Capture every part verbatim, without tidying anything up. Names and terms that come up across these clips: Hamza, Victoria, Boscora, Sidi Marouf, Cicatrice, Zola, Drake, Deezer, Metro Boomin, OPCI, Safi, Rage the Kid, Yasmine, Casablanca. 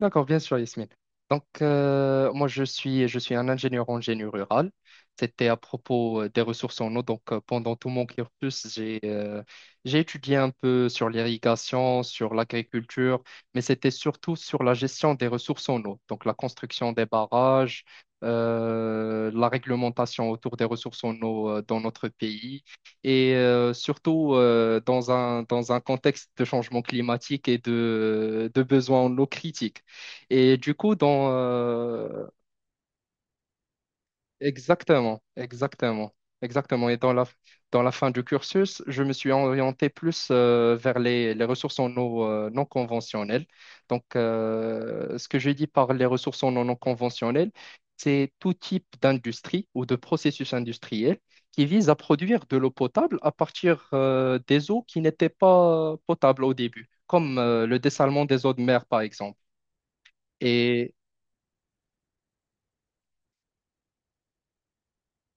D'accord, bien sûr, Yasmine. Donc, euh, moi, je suis, je suis un ingénieur en génie rural. C'était à propos euh, des ressources en eau. Donc, euh, pendant tout mon cursus, j'ai euh, j'ai étudié un peu sur l'irrigation, sur l'agriculture, mais c'était surtout sur la gestion des ressources en eau. Donc, la construction des barrages, euh, la réglementation autour des ressources en eau euh, dans notre pays et euh, surtout euh, dans un, dans un contexte de changement climatique et de, de besoins en eau critiques. Et du coup, dans, euh, exactement, exactement, exactement. Et dans la, dans la fin du cursus, je me suis orienté plus euh, vers les, les ressources en eau euh, non conventionnelles. Donc, euh, ce que je dis par les ressources en eau non conventionnelles, c'est tout type d'industrie ou de processus industriel qui vise à produire de l'eau potable à partir euh, des eaux qui n'étaient pas potables au début, comme euh, le dessalement des eaux de mer, par exemple.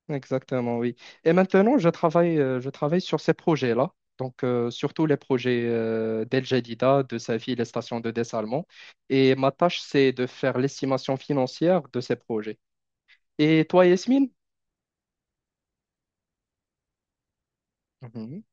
Exactement, oui. Et maintenant, je travaille, euh, je travaille sur ces projets-là, donc euh, surtout les projets euh, d'El Jadida, de Safi, les stations de dessalement. Et ma tâche, c'est de faire l'estimation financière de ces projets. Et toi, Yasmine? Mhm.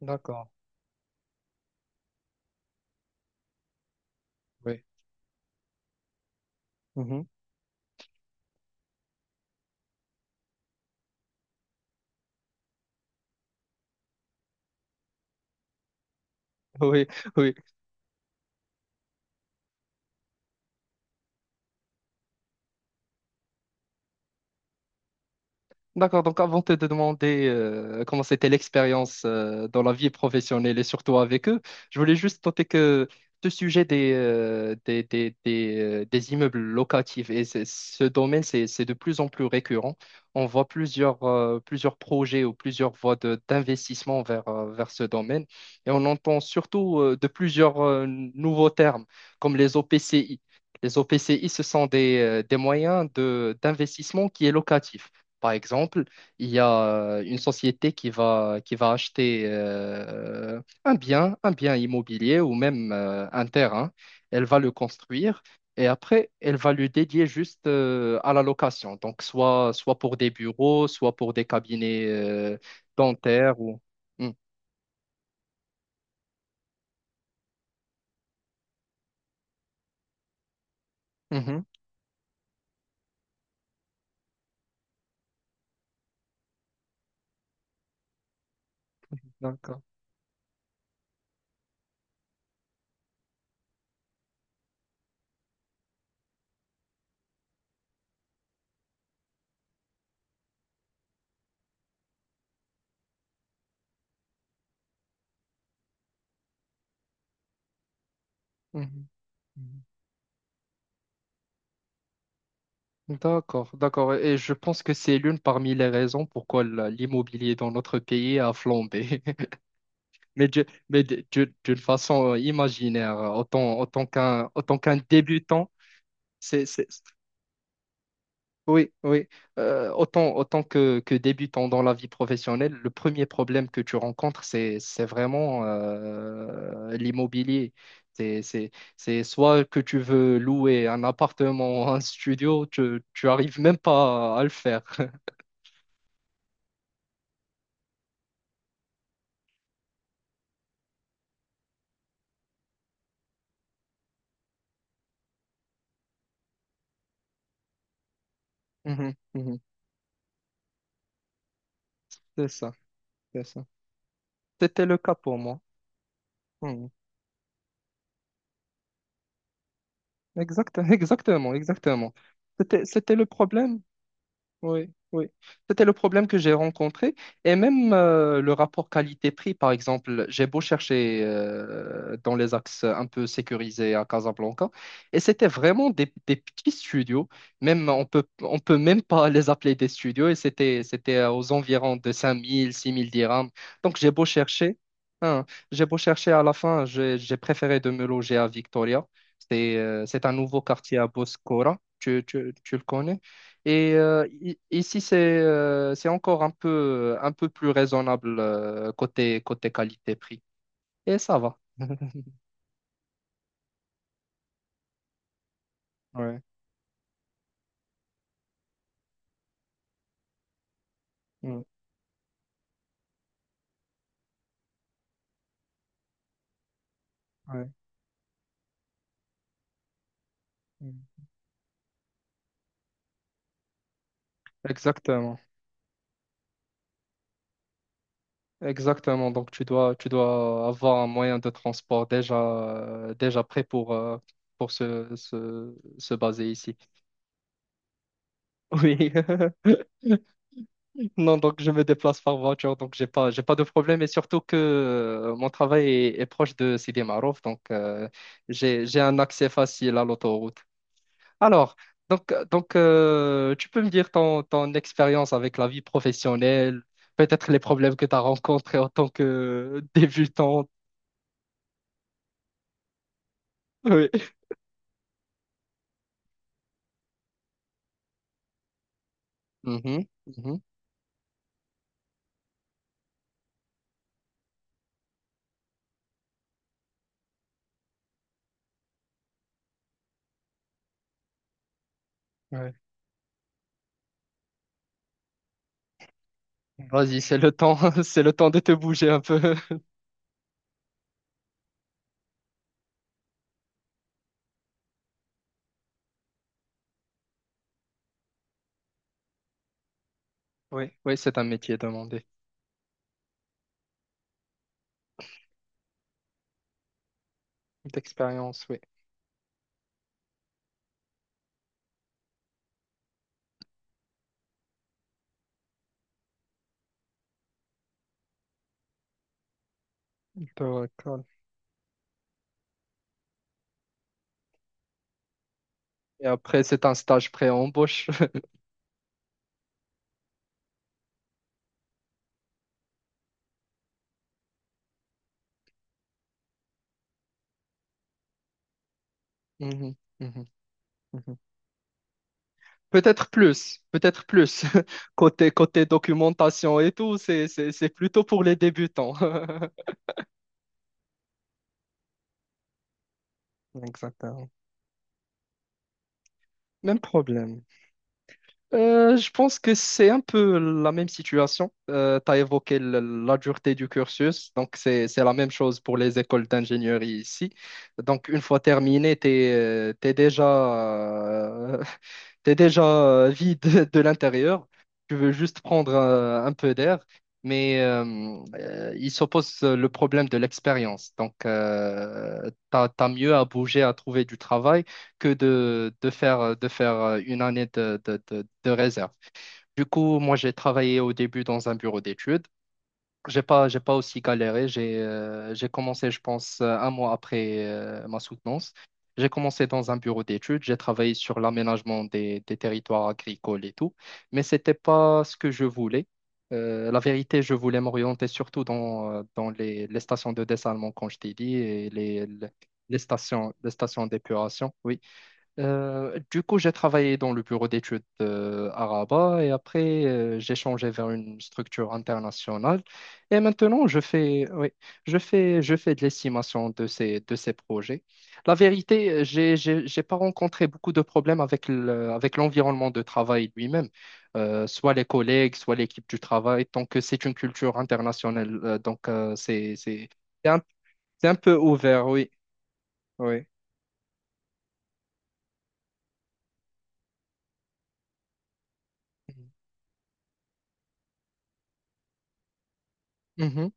D'accord. Oui. Mhm. Oui, oui. D'accord, donc avant de te demander euh, comment c'était l'expérience euh, dans la vie professionnelle et surtout avec eux, je voulais juste noter que ce sujet des, euh, des, des, des, euh, des immeubles locatifs et c'est- ce domaine, c'est, c'est de plus en plus récurrent. On voit plusieurs, euh, plusieurs projets ou plusieurs voies de- d'investissement vers, euh, vers ce domaine et on entend surtout euh, de plusieurs euh, nouveaux termes comme les O P C I. Les O P C I, ce sont des, euh, des moyens de, d'investissement qui est locatif. Par exemple, il y a euh, une société qui va, qui va acheter euh, un bien, un bien immobilier ou même euh, un terrain. Elle va le construire et après, elle va le dédier juste euh, à la location. Donc, soit, soit pour des bureaux, soit pour des cabinets euh, dentaires ou. Hmm. Mhm. D'accord. Mhm. D'accord, d'accord. Et je pense que c'est l'une parmi les raisons pourquoi la- l'immobilier dans notre pays a flambé. Mais de- mais de- de- d'une façon euh, imaginaire, euh, autant, autant qu'un, autant qu'un débutant, c'est, c'est- oui, oui, Euh, autant, autant que, que débutant dans la vie professionnelle, le premier problème que tu rencontres, c'est, c'est vraiment euh, l'immobilier. C'est, c'est, c'est soit que tu veux louer un appartement, un studio, tu, tu arrives même pas à le faire. Mhm, mhm. C'est ça, c'est ça. C'était le cas pour moi. Mmh. Exact, exactement, exactement. C'était, c'était le problème, oui, oui. C'était le problème que j'ai rencontré. Et même euh, le rapport qualité-prix, par exemple, j'ai beau chercher euh, dans les axes un peu sécurisés à Casablanca, et c'était vraiment des, des petits studios. Même, on peut, on peut même pas les appeler des studios, et c'était, c'était aux environs de cinq mille, six mille dirhams. Donc j'ai beau chercher, hein, j'ai beau chercher à la fin, j'ai j'ai préféré de me loger à Victoria. C'est euh, c'est un nouveau quartier à Boscora. Tu, tu, tu le connais? Et euh, i- ici, c'est euh, c'est encore un peu, un peu plus raisonnable euh, côté, côté qualité-prix. Et ça va. Ouais, ouais, ouais. Ouais. Exactement. Exactement. Donc, tu dois, tu dois avoir un moyen de transport déjà, euh, déjà prêt pour, euh, pour se, se, se baser ici. Oui. Non, donc je me déplace par voiture, donc j'ai pas, j'ai pas de problème. Et surtout que euh, mon travail est, est proche de Sidi Marouf, donc euh, j'ai, j'ai un accès facile à l'autoroute. Alors, donc, euh, donc euh, tu peux me dire ton, ton expérience avec la vie professionnelle, peut-être les problèmes que tu as rencontrés en tant que débutante. Oui. Mhm, mhm. Ouais. Ouais. Vas-y, c'est le temps, c'est le temps de te bouger un peu. Oui, oui, c'est un métier demandé. D'expérience, oui. D'accord. Et après, c'est un stage pré-embauche. Mhm, mhm, mhm. Peut-être plus, peut-être plus. Côté, côté documentation et tout, c'est, c'est, c'est plutôt pour les débutants. Exactement. Même problème. Euh, je pense que c'est un peu la même situation. Euh, tu as évoqué le- la dureté du cursus, donc c'est c'est la même chose pour les écoles d'ingénierie ici. Donc une fois terminé, tu es, déjà euh, T'es déjà euh, vide de l'intérieur, tu veux juste prendre euh, un peu d'air, mais euh, euh, il s'oppose euh, le problème de l'expérience. Donc, euh, t'as, t'as mieux à bouger, à trouver du travail que de, de faire, euh, de faire euh, une année de, de, de, de réserve. Du coup, moi, j'ai travaillé au début dans un bureau d'études. J'ai pas, j'ai pas aussi galéré. J'ai euh, j'ai commencé, je pense, euh, un mois après euh, ma soutenance. J'ai commencé dans un bureau d'études. J'ai travaillé sur l'aménagement des, des territoires agricoles et tout. Mais c'était pas ce que je voulais. Euh, la vérité, je voulais m'orienter surtout dans, euh, dans les, les stations de dessalement, comme je t'ai dit, et les, les les stations, les stations d'épuration. Oui. Euh, du coup, j'ai travaillé dans le bureau d'études euh, à Rabat et après, euh, j'ai changé vers une structure internationale. Et maintenant, je fais, oui, je fais, je fais de l'estimation de ces, de ces projets. La vérité, euh, j'ai, j'ai, j'ai pas rencontré beaucoup de problèmes avec le, avec l'environnement de travail lui-même. Euh, soit les collègues, soit l'équipe du travail, tant que c'est une culture internationale. euh, donc, euh, c'est, c'est, c'est un, c'est un peu ouvert, oui. Oui. Mhm.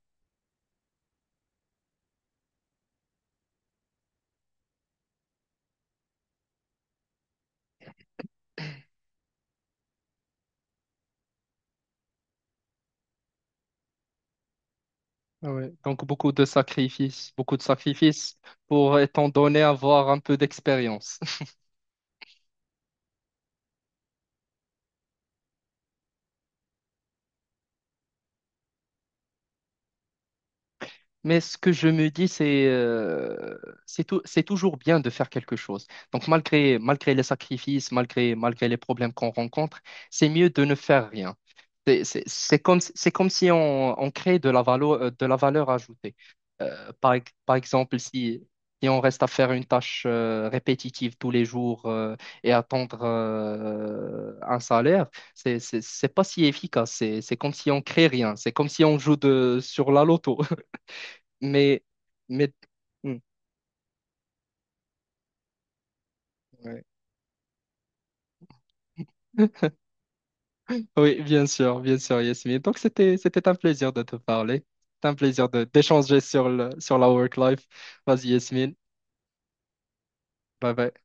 Ah ouais. Donc beaucoup de sacrifices, beaucoup de sacrifices pour, étant donné, avoir un peu d'expérience. Mais ce que je me dis, c'est euh, c'est tou- c'est toujours bien de faire quelque chose. Donc malgré, malgré les sacrifices, malgré, malgré les problèmes qu'on rencontre, c'est mieux de ne faire rien. C'est c'est- c'est comme, c'est comme si on, on crée de la valeur, de la valeur ajoutée. Euh, par, ex- par exemple, si, si on reste à faire une tâche euh, répétitive tous les jours euh, et attendre euh, un salaire, c'est c'est- c'est pas si efficace. C'est c'est comme si on crée rien. C'est comme si on joue de, sur la loto. Mais, mais... Hmm, ouais. Oui, bien sûr, bien sûr, Yasmine. Donc, c'était, c'était un plaisir de te parler. C'était un plaisir de d'échanger sur le, sur la work life. Vas-y, Yasmine. Bye bye.